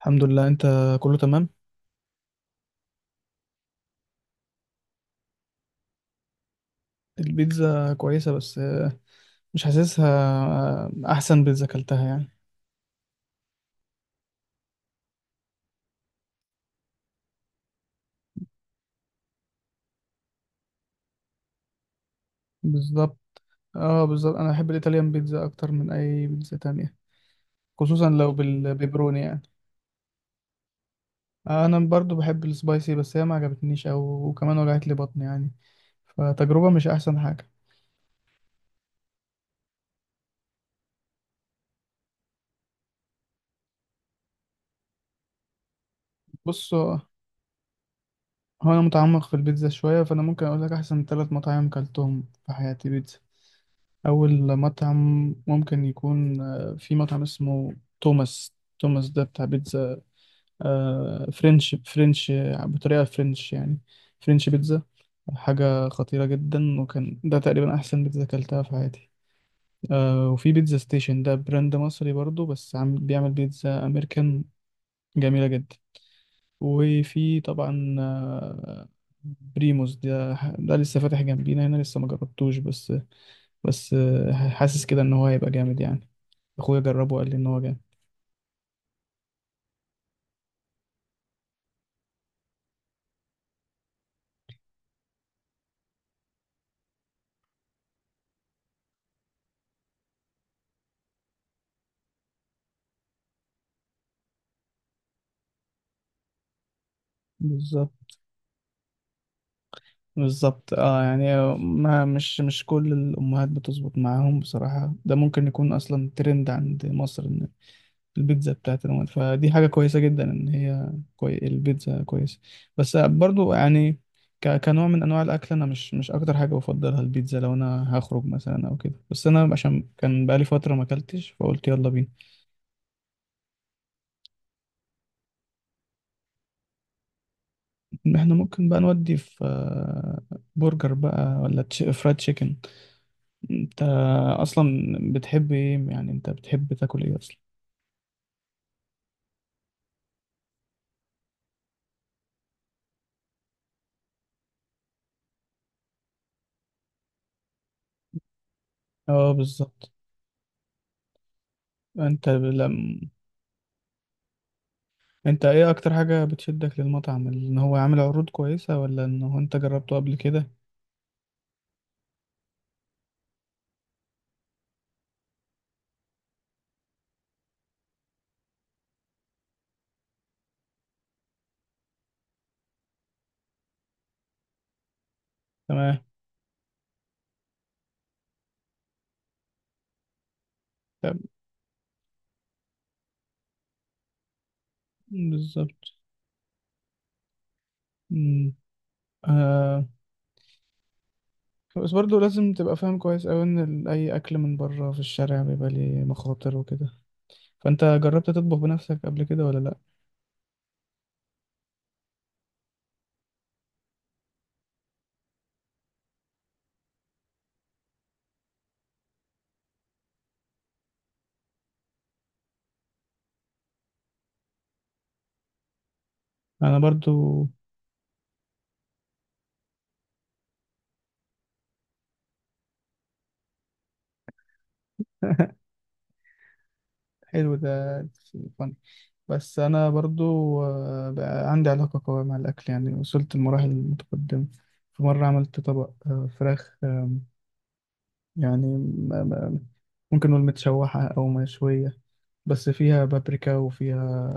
الحمد لله، انت؟ كله تمام. البيتزا كويسة بس مش حاسسها. احسن بيتزا اكلتها يعني. بالظبط. اه، بالظبط، انا بحب الايطاليان بيتزا اكتر من اي بيتزا تانية، خصوصا لو بالبيبروني يعني. انا برضو بحب السبايسي، بس هي ما عجبتنيش، وكمان وجعت لي بطني يعني. فتجربة مش احسن حاجة. بص. هو انا متعمق في البيتزا شوية، فانا ممكن اقول لك احسن ثلاث مطاعم كلتهم في حياتي بيتزا. أول مطعم ممكن يكون، في مطعم اسمه توماس. توماس ده بتاع بيتزا. فرنش، بطريقة فرنش يعني. فرنش بيتزا. حاجة خطيرة جدا، وكان ده تقريبا أحسن بيتزا أكلتها في حياتي. وفي بيتزا ستيشن، ده براند مصري برضو بس عم بيعمل بيتزا أمريكان. جميلة جدا. وفي طبعا بريموس ده. ده لسه فاتح جنبينا هنا، لسه ما جربتوش، بس. بس حاسس كده ان هو هيبقى جامد يعني. اخويا جربه وقال لي ان هو جامد. بالظبط. بالظبط، اه. يعني ما مش كل الامهات بتظبط معاهم بصراحة، ده ممكن يكون اصلا ترند عند مصر ان البيتزا بتاعت الامهات. فدي حاجة كويسة جدا، ان هي البيتزا كويسة. بس برضو يعني. كنوع من انواع الاكل، انا مش اكتر حاجة بفضلها البيتزا لو انا هخرج مثلا او كده، بس انا عشان كان بقالي فترة ما اكلتش، فقلت يلا بينا. احنا ممكن بقى نودي في برجر بقى، ولا فرايد تشيكن؟ انت اصلا بتحب ايه يعني؟ انت بتحب تاكل ايه اصلا؟ اه، بالظبط. انت لم... انت ايه اكتر حاجة بتشدك للمطعم؟ ان هو عامل عروض كويسة، ولا ان هو انت جربته قبل كده؟ تمام. طب. بالظبط. مم. آه. بس برضه لازم تبقى فاهم كويس أوي إن أي أكل من بره في الشارع بيبقى ليه مخاطر وكده. فأنت جربت تطبخ بنفسك قبل كده، ولا لأ؟ أنا برضو. حلو ده. بس أنا برضو، بقى عندي علاقة قوية مع الأكل، يعني وصلت لمراحل متقدمة. في مرة عملت طبق فراخ، يعني ممكن نقول متشوحة أو مشوية، بس فيها بابريكا وفيها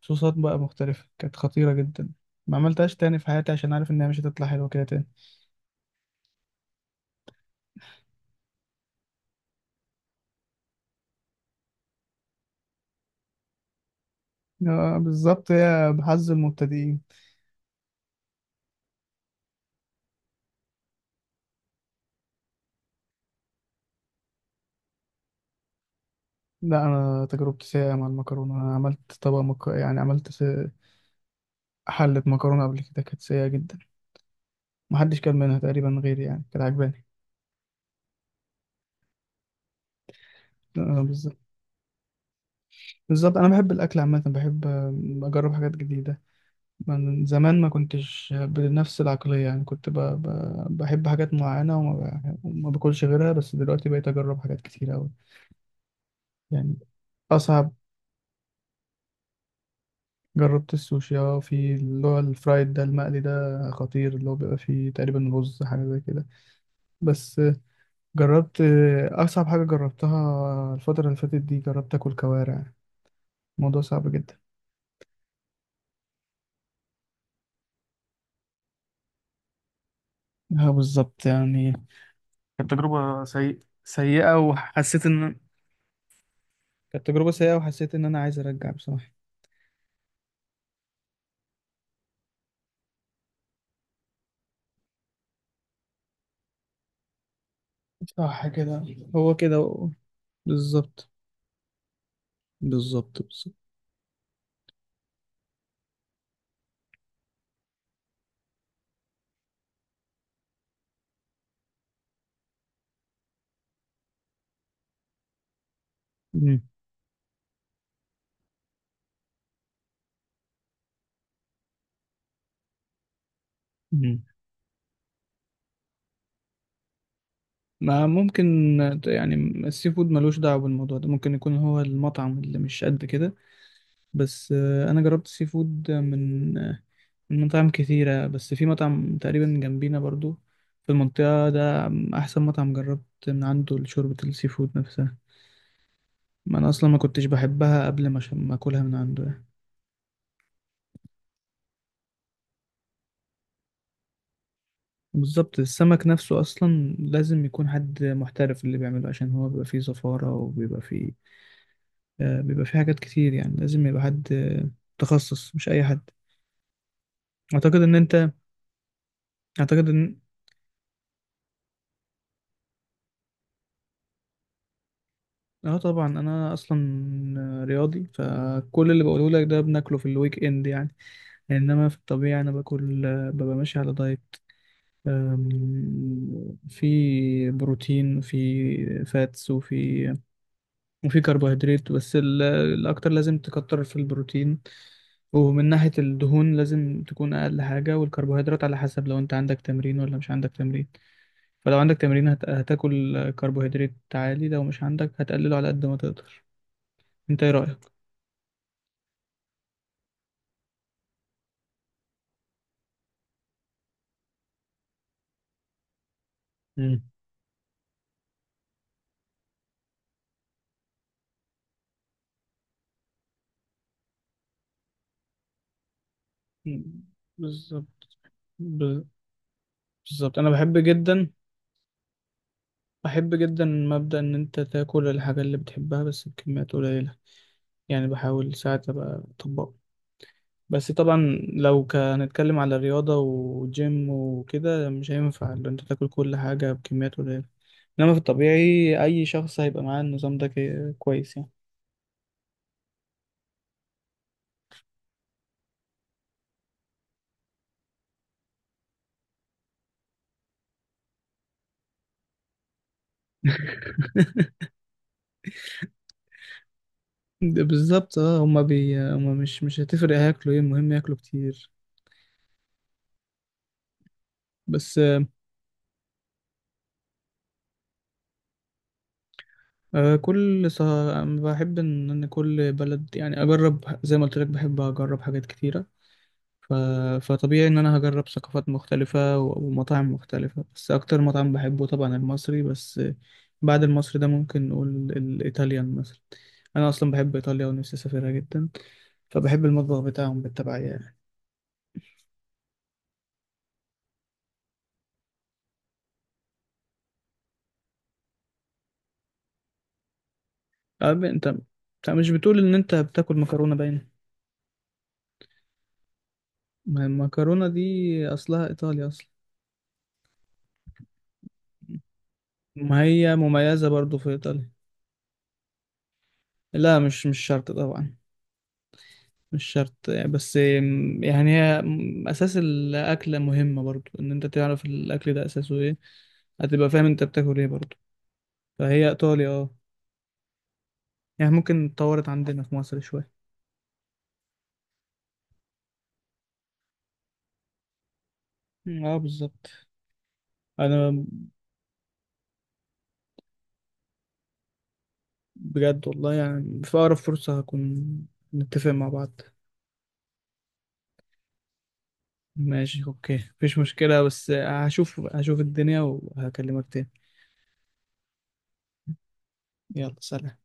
صوصات بقى مختلفة. كانت خطيرة جدا. ما عملتهاش تاني في حياتي، عشان عارف إنها مش هتطلع حلوة كده تاني. بالظبط، هي بحظ المبتدئين. لا، أنا تجربتي سيئة مع المكرونة. أنا عملت طبق يعني عملت حلة مكرونة قبل كده، كانت سيئة جدا. محدش كان منها تقريبا غيري، يعني كانت عجباني. بالظبط. بالظبط، انا بحب الاكل عامه، بحب اجرب حاجات جديده. من زمان ما كنتش بنفس العقليه، يعني كنت بحب حاجات معينه، وما باكلش غيرها. بس دلوقتي بقيت اجرب حاجات كتير قوي يعني. اصعب. جربت السوشي، اه، في اللي هو الفرايد ده، المقلي ده. خطير، اللي هو بيبقى فيه تقريبا رز حاجه زي كده. بس جربت آه، اصعب حاجه جربتها الفتره اللي فاتت دي، جربت اكل كوارع. الموضوع صعب جدا. اه، بالظبط يعني. كانت تجربة سيئة. سيئة وحسيت إن كانت تجربة سيئة، وحسيت إن أنا عايز أرجع بصراحة. صح كده. هو كده بالظبط. بالظبط، بالظبط. مم. مم. ما ممكن يعني، السي فود ملوش دعوة بالموضوع ده، ممكن يكون هو المطعم اللي مش قد كده. بس أنا جربت السي فود من من مطاعم كتيرة، بس في مطعم تقريبا جنبينا برضو، في المنطقة ده، أحسن مطعم جربت من عنده شوربة السي فود نفسها. ما انا اصلا ما كنتش بحبها قبل ما عشان ما اكلها من عنده يعني. بالظبط. السمك نفسه اصلا لازم يكون حد محترف اللي بيعمله، عشان هو بيبقى فيه زفارة، وبيبقى فيه بيبقى فيه حاجات كتير، يعني لازم يبقى حد متخصص، مش اي حد. اعتقد ان انت اعتقد ان اه، طبعا. انا اصلا رياضي، فكل اللي بقوله لك ده بناكله في الويك اند يعني. انما في الطبيعة انا باكل آه، ببقى ماشي على دايت. آم، في بروتين، في فاتس، وفي كربوهيدرات. بس الأكتر لازم تكتر في البروتين، ومن ناحية الدهون لازم تكون أقل حاجة، والكربوهيدرات على حسب لو أنت عندك تمرين ولا مش عندك تمرين. فلو عندك تمرين هتاكل كربوهيدرات عالي، لو مش عندك هتقلله على قد ما تقدر. أنت إيه رأيك؟ مم. بالظبط. ب- بالظبط. أنا بحب جدا. بحب جدا مبدأ إن أنت تاكل الحاجة اللي بتحبها بس بكميات قليلة، يعني بحاول ساعات أبقى أطبقه. بس طبعا لو هنتكلم على رياضة وجيم وكده مش هينفع، لأن انت تاكل كل حاجة بكميات قليلة. انما في الطبيعي اي شخص هيبقى معاه النظام ده كويس يعني. ده بالظبط، اه. هما مش هتفرق، هياكلوا ايه، المهم ياكلوا كتير. بس بحب ان كل بلد، يعني اجرب زي ما قلت لك، بحب اجرب حاجات كتيرة. ف... فطبيعي إن أنا هجرب ثقافات مختلفة ومطاعم مختلفة، بس أكتر مطعم بحبه طبعا المصري. بس بعد المصري ده ممكن نقول الإيطاليان مثلا. أنا أصلا بحب إيطاليا ونفسي أسافرها جدا، فبحب المطبخ بتاعهم بالتبعية يعني. أنت مش بتقول إن أنت بتاكل مكرونة؟ باينة، ما المكرونة دي أصلها إيطاليا أصلا. ما هي مميزة برضو في إيطاليا. لا، مش شرط طبعا. مش شرط يعني، بس يعني هي أساس الأكلة مهمة برضو، إن أنت تعرف الأكل ده أساسه إيه، هتبقى فاهم أنت بتاكل إيه برضو. فهي إيطاليا، أه، يعني ممكن اتطورت عندنا في مصر شوية. أه، بالظبط. أنا بجد والله، يعني في أقرب فرصة هكون نتفق مع بعض. ماشي، أوكي، مفيش مشكلة، بس هشوف الدنيا وهكلمك تاني. يلا، سلام.